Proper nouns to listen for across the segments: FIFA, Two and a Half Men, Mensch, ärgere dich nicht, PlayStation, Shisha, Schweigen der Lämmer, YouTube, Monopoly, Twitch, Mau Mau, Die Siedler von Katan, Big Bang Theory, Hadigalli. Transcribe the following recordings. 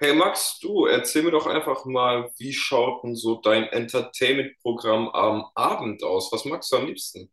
Hey Max, du, erzähl mir doch einfach mal, wie schaut denn so dein Entertainment-Programm am Abend aus? Was magst du am liebsten?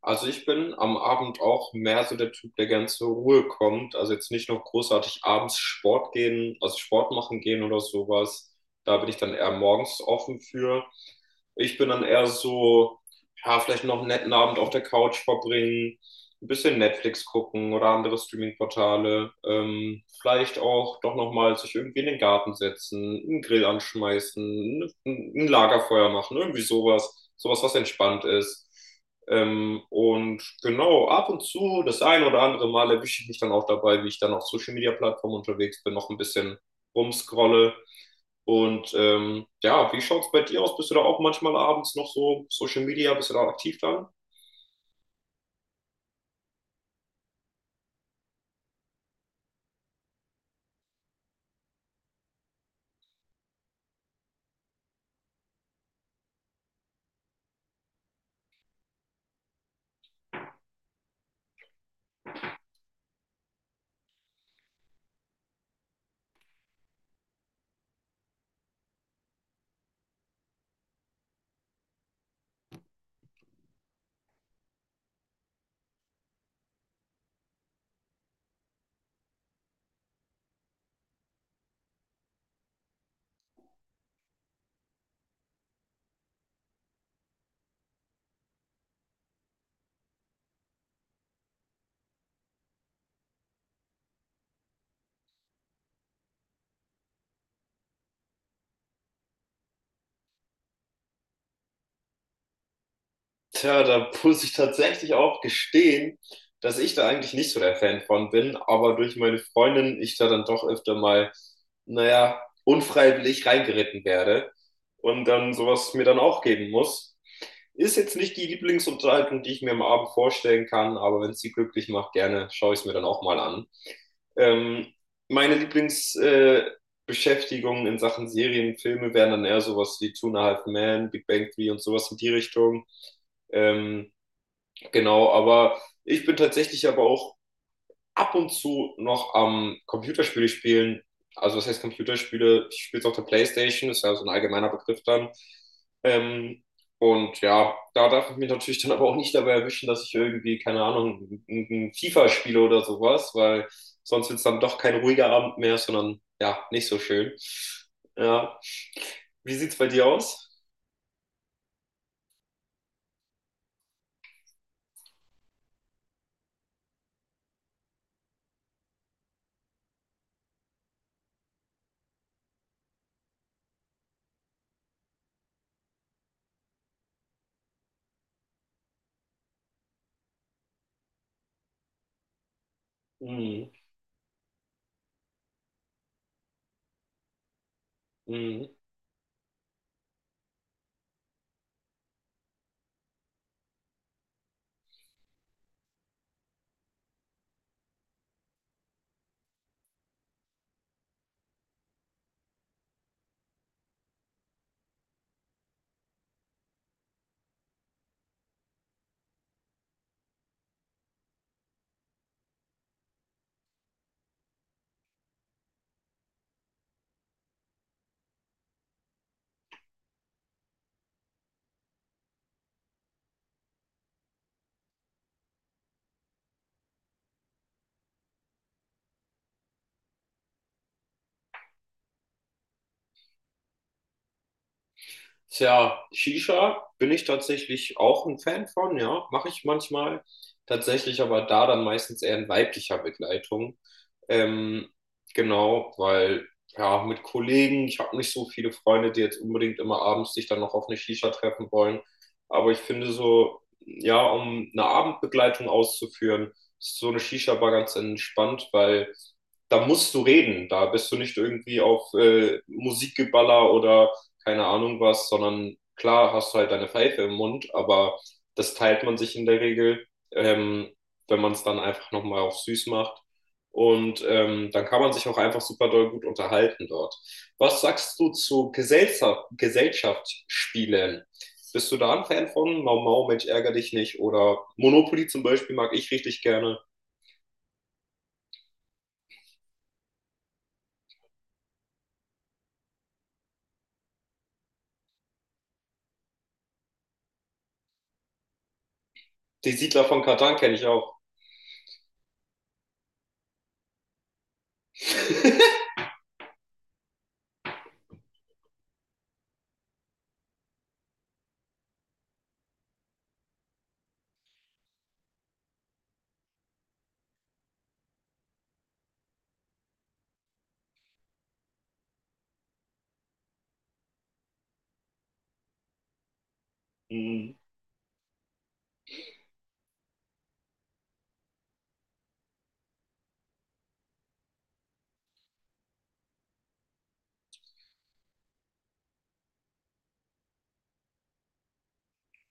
Also ich bin am Abend auch mehr so der Typ, der gern zur Ruhe kommt. Also jetzt nicht noch großartig abends Sport gehen, also Sport machen gehen oder sowas. Da bin ich dann eher morgens offen für. Ich bin dann eher so, ja, vielleicht noch einen netten Abend auf der Couch verbringen, ein bisschen Netflix gucken oder andere Streaming-Portale. Vielleicht auch doch nochmal sich irgendwie in den Garten setzen, einen Grill anschmeißen, ein Lagerfeuer machen, irgendwie sowas. Sowas, was entspannt ist. Und genau, ab und zu, das ein oder andere Mal erwische ich mich dann auch dabei, wie ich dann auf Social Media Plattformen unterwegs bin, noch ein bisschen rumscrolle. Und ja, wie schaut es bei dir aus? Bist du da auch manchmal abends noch so Social Media, bist du da aktiv dann? Tja, da muss ich tatsächlich auch gestehen, dass ich da eigentlich nicht so der Fan von bin, aber durch meine Freundin ich da dann doch öfter mal, naja, unfreiwillig reingeritten werde und dann sowas mir dann auch geben muss. Ist jetzt nicht die Lieblingsunterhaltung, die ich mir am Abend vorstellen kann, aber wenn es sie glücklich macht, gerne schaue ich es mir dann auch mal an. Ähm, Meine Lieblingsbeschäftigungen Beschäftigungen in Sachen Serien, Filme wären dann eher sowas wie Two and a Half Men, Big Bang Theory und sowas in die Richtung. Ähm, genau, aber ich bin tatsächlich aber auch ab und zu noch am Computerspiele spielen. Also was heißt Computerspiele? Ich spiele es auf der PlayStation, ist ja so ein allgemeiner Begriff dann. Ähm, und ja, da darf ich mich natürlich dann aber auch nicht dabei erwischen, dass ich irgendwie, keine Ahnung, ein FIFA spiele oder sowas, weil sonst wird es dann doch kein ruhiger Abend mehr, sondern ja, nicht so schön. Ja. Wie sieht's bei dir aus? Mhm. Mhm. Tja, Shisha bin ich tatsächlich auch ein Fan von, ja, mache ich manchmal. Tatsächlich aber da dann meistens eher in weiblicher Begleitung. Ähm, genau, weil ja, mit Kollegen, ich habe nicht so viele Freunde, die jetzt unbedingt immer abends sich dann noch auf eine Shisha treffen wollen. Aber ich finde so, ja, um eine Abendbegleitung auszuführen, ist so eine Shisha-Bar ganz entspannt, weil da musst du reden. Da bist du nicht irgendwie auf Musikgeballer oder keine Ahnung was, sondern klar hast du halt deine Pfeife im Mund, aber das teilt man sich in der Regel, ähm, wenn man es dann einfach nochmal auf süß macht. Und dann kann man sich auch einfach super doll gut unterhalten dort. Was sagst du zu Gesellschaft, Gesellschaftsspielen? Bist du da ein Fan von? Mau Mau, Mensch, ärger dich nicht. Oder Monopoly zum Beispiel mag ich richtig gerne. Die Siedler von Katan kenne ich auch.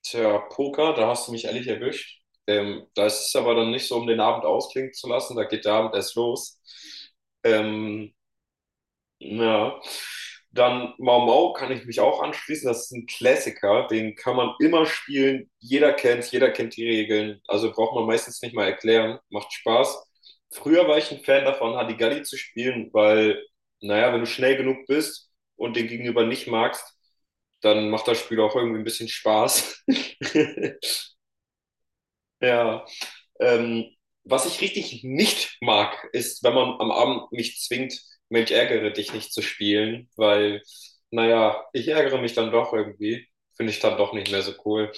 Tja, Poker, da hast du mich ehrlich erwischt. Das ist aber dann nicht so, um den Abend ausklingen zu lassen. Da geht der Abend erst los. Ähm, ja. Dann Mau Mau kann ich mich auch anschließen. Das ist ein Klassiker, den kann man immer spielen. Jeder kennt die Regeln. Also braucht man meistens nicht mal erklären. Macht Spaß. Früher war ich ein Fan davon, Hadigalli zu spielen, weil, naja, wenn du schnell genug bist und den Gegenüber nicht magst, dann macht das Spiel auch irgendwie ein bisschen Spaß. Ja. Ähm, Was ich richtig nicht mag, ist, wenn man am Abend mich zwingt, Mensch, ärgere dich nicht zu spielen, weil, naja, ich ärgere mich dann doch irgendwie. Finde ich dann doch nicht mehr so cool.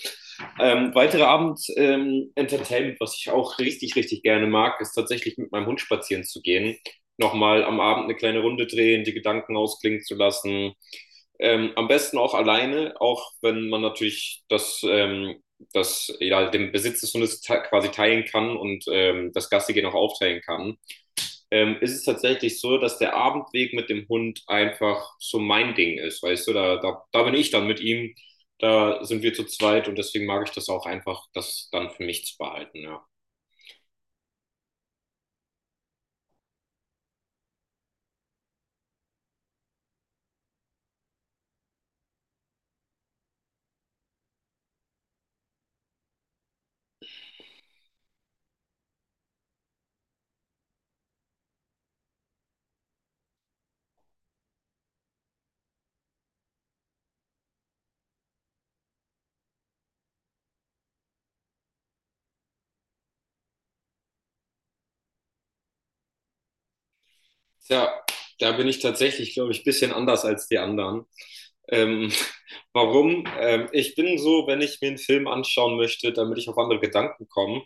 Weitere Abend-Entertainment, was ich auch richtig, richtig gerne mag, ist tatsächlich mit meinem Hund spazieren zu gehen. Nochmal am Abend eine kleine Runde drehen, die Gedanken ausklingen zu lassen. Am besten auch alleine, auch wenn man natürlich das dass jeder ja, den Besitz des Hundes te quasi teilen kann und das Gastige auch aufteilen kann, ist es tatsächlich so, dass der Abendweg mit dem Hund einfach so mein Ding ist, weißt du, da bin ich dann mit ihm, da sind wir zu zweit und deswegen mag ich das auch einfach, das dann für mich zu behalten, ja. Tja, da bin ich tatsächlich, glaube ich, ein bisschen anders als die anderen. Ähm, warum? Ich bin so, wenn ich mir einen Film anschauen möchte, damit ich auf andere Gedanken komme,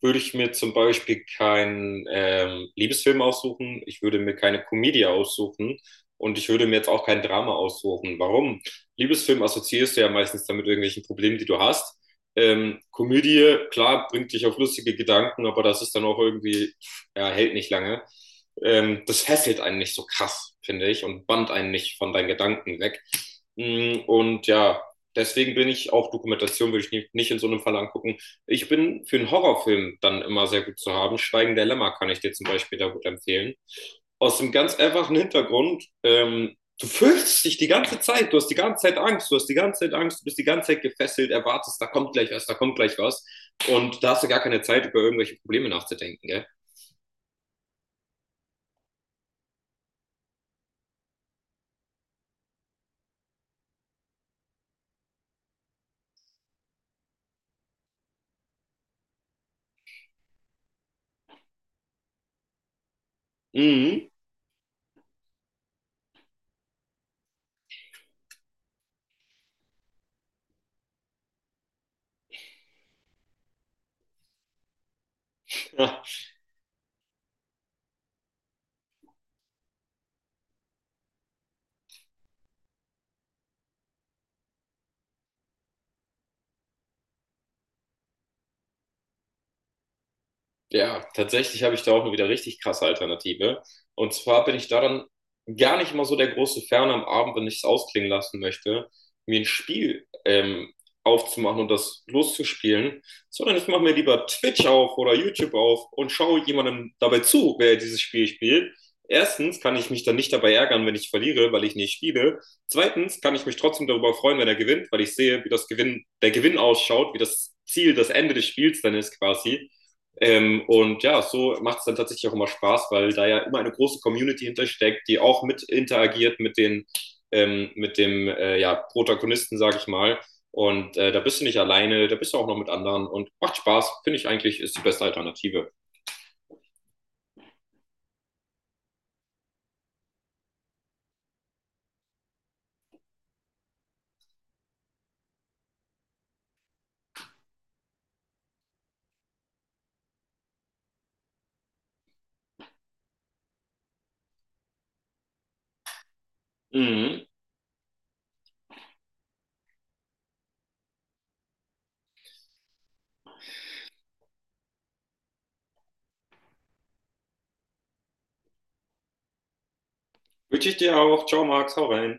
würde ich mir zum Beispiel keinen Liebesfilm aussuchen, ich würde mir keine Komödie aussuchen und ich würde mir jetzt auch kein Drama aussuchen. Warum? Liebesfilm assoziierst du ja meistens damit irgendwelchen Problemen, die du hast. Komödie, klar, bringt dich auf lustige Gedanken, aber das ist dann auch irgendwie, ja, hält nicht lange das fesselt einen nicht so krass, finde ich, und bannt einen nicht von deinen Gedanken weg. Und ja, deswegen bin ich auch Dokumentation, würde ich nicht in so einem Fall angucken. Ich bin für einen Horrorfilm dann immer sehr gut zu haben. Schweigen der Lämmer kann ich dir zum Beispiel da gut empfehlen. Aus dem ganz einfachen Hintergrund, du fürchtest dich die ganze Zeit, du hast die ganze Zeit Angst, du bist die ganze Zeit gefesselt, erwartest, da kommt gleich was. Und da hast du gar keine Zeit, über irgendwelche Probleme nachzudenken, gell? Mhm. Ja. Ja, tatsächlich habe ich da auch eine wieder richtig krasse Alternative. Und zwar bin ich daran gar nicht mal so der große Fan am Abend, wenn ich es ausklingen lassen möchte, mir ein Spiel aufzumachen und das loszuspielen, sondern ich mache mir lieber Twitch auf oder YouTube auf und schaue jemandem dabei zu, wer dieses Spiel spielt. Erstens kann ich mich dann nicht dabei ärgern, wenn ich verliere, weil ich nicht spiele. Zweitens kann ich mich trotzdem darüber freuen, wenn er gewinnt, weil ich sehe, wie der Gewinn ausschaut, wie das Ziel, das Ende des Spiels dann ist quasi. Und ja, so macht es dann tatsächlich auch immer Spaß, weil da ja immer eine große Community hintersteckt, die auch mit interagiert mit dem ja, Protagonisten, sage ich mal. Und da bist du nicht alleine, da bist du auch noch mit anderen und macht Spaß, finde ich eigentlich, ist die beste Alternative. Mhm. Wünsche ich dir auch. Ciao, Max, hau rein.